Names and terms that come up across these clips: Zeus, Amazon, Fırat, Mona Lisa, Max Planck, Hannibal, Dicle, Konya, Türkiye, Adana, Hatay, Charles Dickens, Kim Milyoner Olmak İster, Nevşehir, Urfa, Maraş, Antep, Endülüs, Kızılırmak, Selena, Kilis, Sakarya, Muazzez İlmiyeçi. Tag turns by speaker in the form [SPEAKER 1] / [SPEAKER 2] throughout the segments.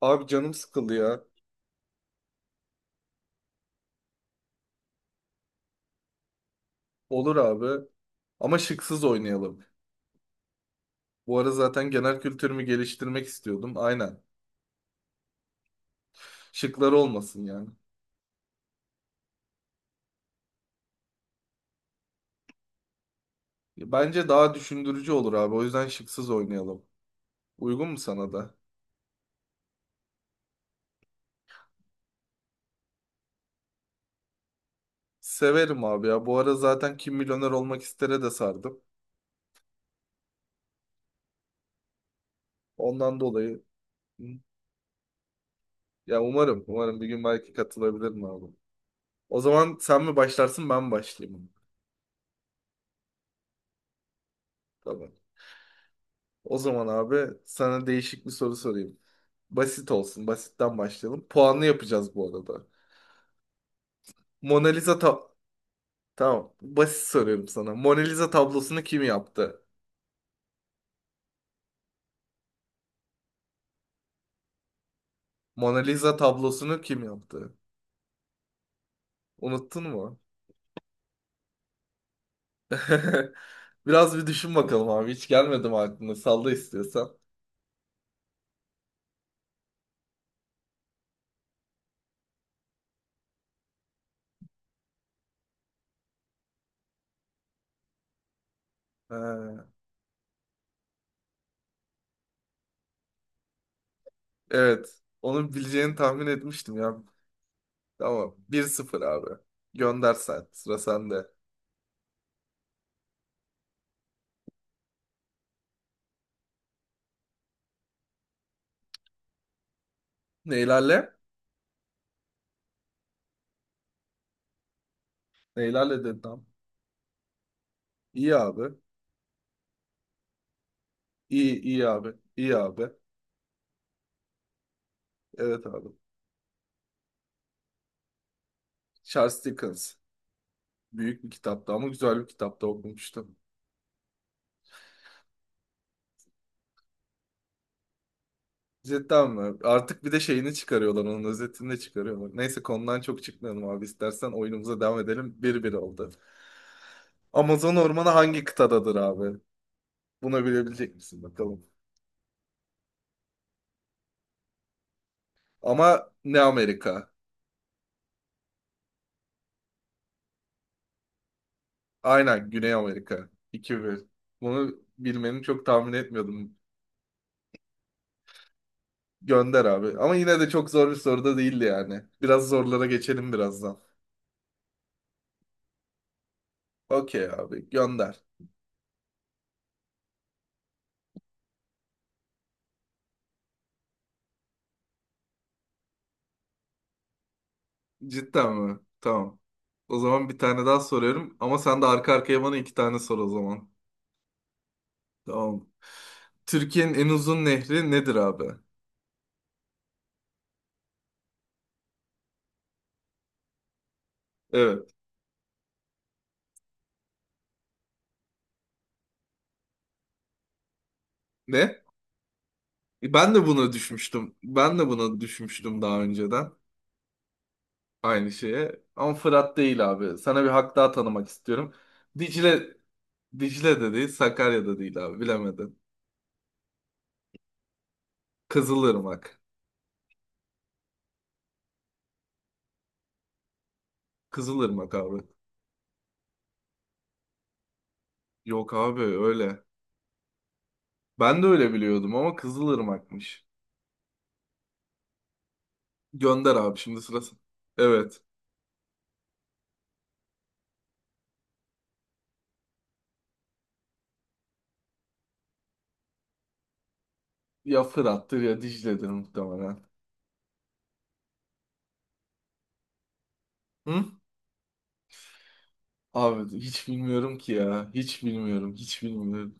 [SPEAKER 1] Abi canım sıkıldı ya. Olur abi. Ama şıksız oynayalım. Bu ara zaten genel kültürümü geliştirmek istiyordum. Aynen. Şıklar olmasın yani. Bence daha düşündürücü olur abi. O yüzden şıksız oynayalım. Uygun mu sana da? Severim abi ya. Bu ara zaten Kim Milyoner Olmak İster'e de sardım. Ondan dolayı hı, ya umarım, bir gün belki katılabilirim abi. O zaman sen mi başlarsın, ben mi başlayayım? Tamam. O zaman abi sana değişik bir soru sorayım. Basit olsun. Basitten başlayalım. Puanlı yapacağız bu arada. Mona Lisa ta Tamam. Basit soruyorum sana. Mona Lisa tablosunu kim yaptı? Mona Lisa tablosunu kim yaptı? Unuttun mu? Biraz bir düşün bakalım abi. Hiç gelmedim aklına. Salla istiyorsan. Ee, evet. Onu bileceğini tahmin etmiştim ya. Tamam, bir sıfır abi. Gönder sen. Sıra sende. Neylerle? Neylerle dedim. İyi abi. İyi iyi abi. İyi abi. Evet abi. Charles Dickens. Büyük bir kitaptı ama güzel bir kitapta okumuştum. Cidden mi? Artık bir de şeyini çıkarıyorlar, onun özetini de çıkarıyorlar. Neyse konudan çok çıkmayalım abi. İstersen oyunumuza devam edelim. Bir bir oldu. Amazon ormanı hangi kıtadadır abi? Bunu bilebilecek misin bakalım. Ama ne Amerika? Aynen Güney Amerika. 2 bir. Bunu bilmeni çok tahmin etmiyordum. Gönder abi. Ama yine de çok zor bir soru da değildi yani. Biraz zorlara geçelim birazdan. Okey abi gönder. Cidden mi? Tamam. O zaman bir tane daha soruyorum ama sen de arka arkaya bana iki tane sor o zaman. Tamam. Türkiye'nin en uzun nehri nedir abi? Evet. Ne? Ben de buna düşmüştüm. Daha önceden. Aynı şeye. Ama Fırat değil abi. Sana bir hak daha tanımak istiyorum. Dicle, Dicle de değil, Sakarya da değil abi. Bilemedim. Kızılırmak. Kızılırmak abi. Yok abi öyle. Ben de öyle biliyordum ama Kızılırmak'mış. Gönder abi şimdi sırası. Evet. Ya Fırat'tır ya Dicle'dir muhtemelen. Hı? Abi hiç bilmiyorum ki ya. Hiç bilmiyorum. Hiç bilmiyorum.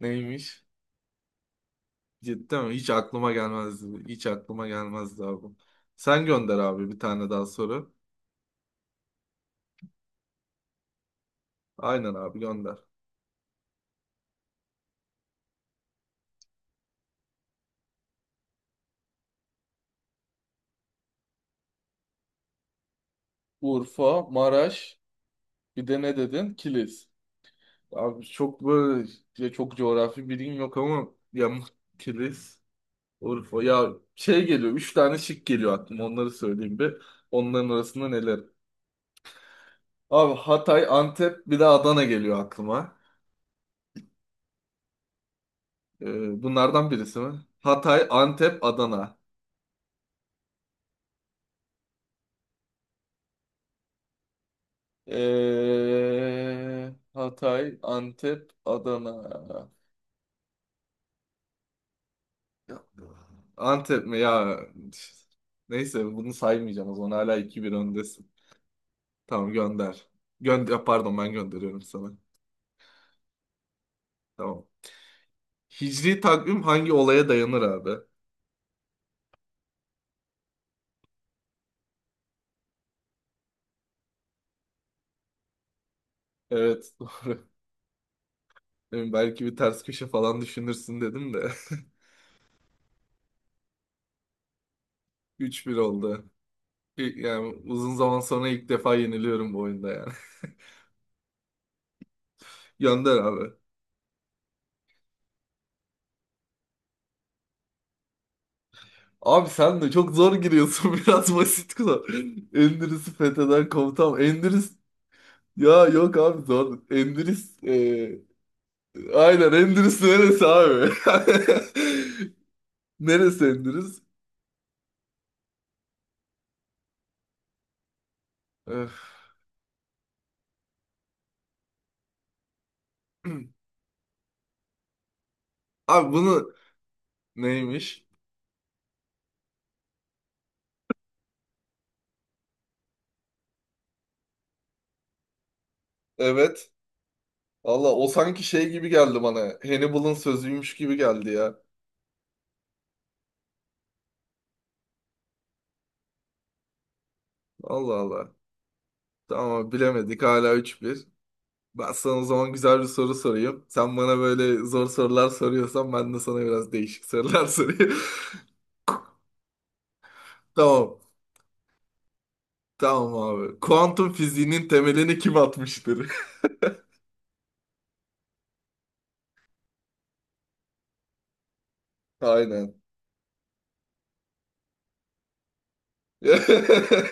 [SPEAKER 1] Neymiş? Cidden mi? Hiç aklıma gelmezdi. Hiç aklıma gelmezdi abi. Sen gönder abi bir tane daha soru. Aynen abi gönder. Urfa, Maraş, bir de ne dedin? Kilis. Abi çok böyle, ya çok coğrafi bilgim yok ama Kilis. Urfa ya şey geliyor. Üç tane şık geliyor aklıma. Onları söyleyeyim bir. Onların arasında neler? Abi Hatay, Antep bir de Adana geliyor aklıma. Bunlardan birisi mi? Hatay, Antep, Adana. Hatay, Antep, Adana. Ya- Antep mi ya? Neyse bunu saymayacağım o zaman. Hala iki bir öndesin. Tamam gönder. Gönder, pardon ben gönderiyorum sana. Tamam. Hicri takvim hangi olaya dayanır abi? Evet, doğru. Yani belki bir ters köşe falan düşünürsün dedim de. Üç bir oldu. Yani uzun zaman sonra ilk defa yeniliyorum bu oyunda yani. Gönder abi. Abi sen de çok zor giriyorsun, biraz basit kula. Endülüs'ü fetheden komutan. Ya yok abi zor. Aynen, Endülüs neresi abi? Neresi Endülüs? Öf. Abi bunu, neymiş? Evet. Allah, o sanki şey gibi geldi bana. Hannibal'ın sözüymüş gibi geldi ya. Allah Allah. Tamam bilemedik, hala 3-1. Ben sana o zaman güzel bir soru sorayım. Sen bana böyle zor sorular soruyorsan ben de sana biraz değişik sorular sorayım. Tamam. Tamam abi. Kuantum fiziğinin temelini kim atmıştır? Aynen.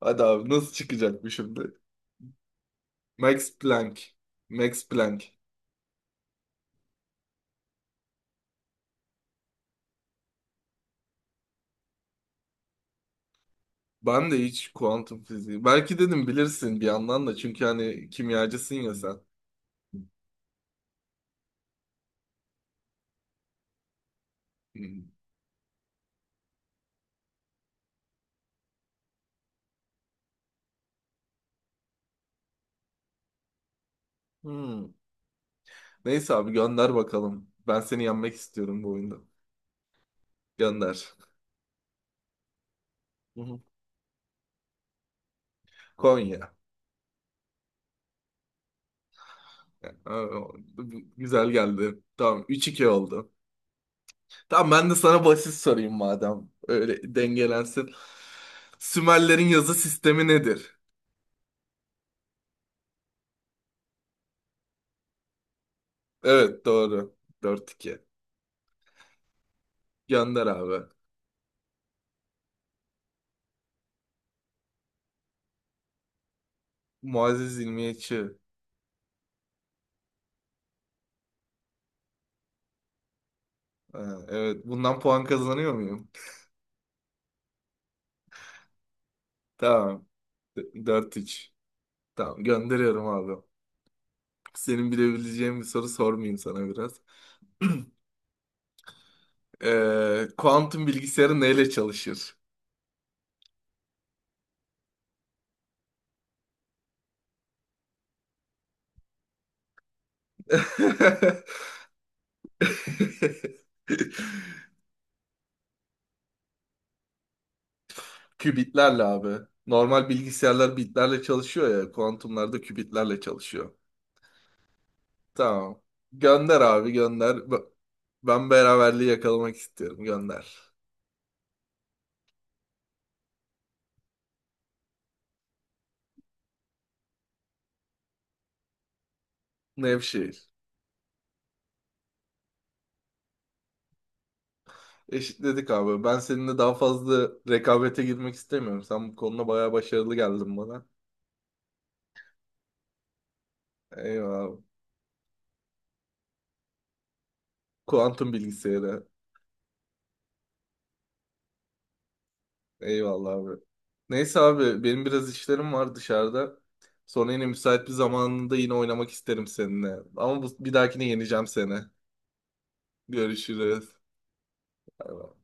[SPEAKER 1] Hadi abi nasıl çıkacak bu şimdi? Max Planck. Max Planck. Ben de hiç kuantum fiziği. Belki dedim bilirsin bir yandan da çünkü hani kimyacısın ya sen. Hmm. Hmm. Neyse abi gönder bakalım. Ben seni yenmek istiyorum bu oyunda. Gönder. Hı hı. Konya. Aa, güzel geldi. Tamam, üç iki oldu. Tamam ben de sana basit sorayım madem. Öyle dengelensin. Sümerlerin yazı sistemi nedir? Evet doğru. Dört iki. Gönder abi. Muazzez İlmiyeçi. Ha, evet bundan puan kazanıyor muyum? Tamam. Dört 3. Tamam gönderiyorum abi. Senin bilebileceğin bir soru sormayayım sana biraz. Kuantum bilgisayarı neyle çalışır? Kübitlerle abi. Normal bilgisayarlar bitlerle çalışıyor ya. Kuantumlarda kübitlerle çalışıyor. Tamam. Gönder abi gönder. Ben beraberliği yakalamak istiyorum. Gönder. Nevşehir. Eşitledik abi. Ben seninle daha fazla rekabete girmek istemiyorum. Sen bu konuda bayağı başarılı geldin bana. Eyvallah abi. Kuantum bilgisayarı. Eyvallah abi. Neyse abi benim biraz işlerim var dışarıda. Sonra yine müsait bir zamanında yine oynamak isterim seninle. Ama bu, bir dahakine yeneceğim seni. Görüşürüz. Bay bay.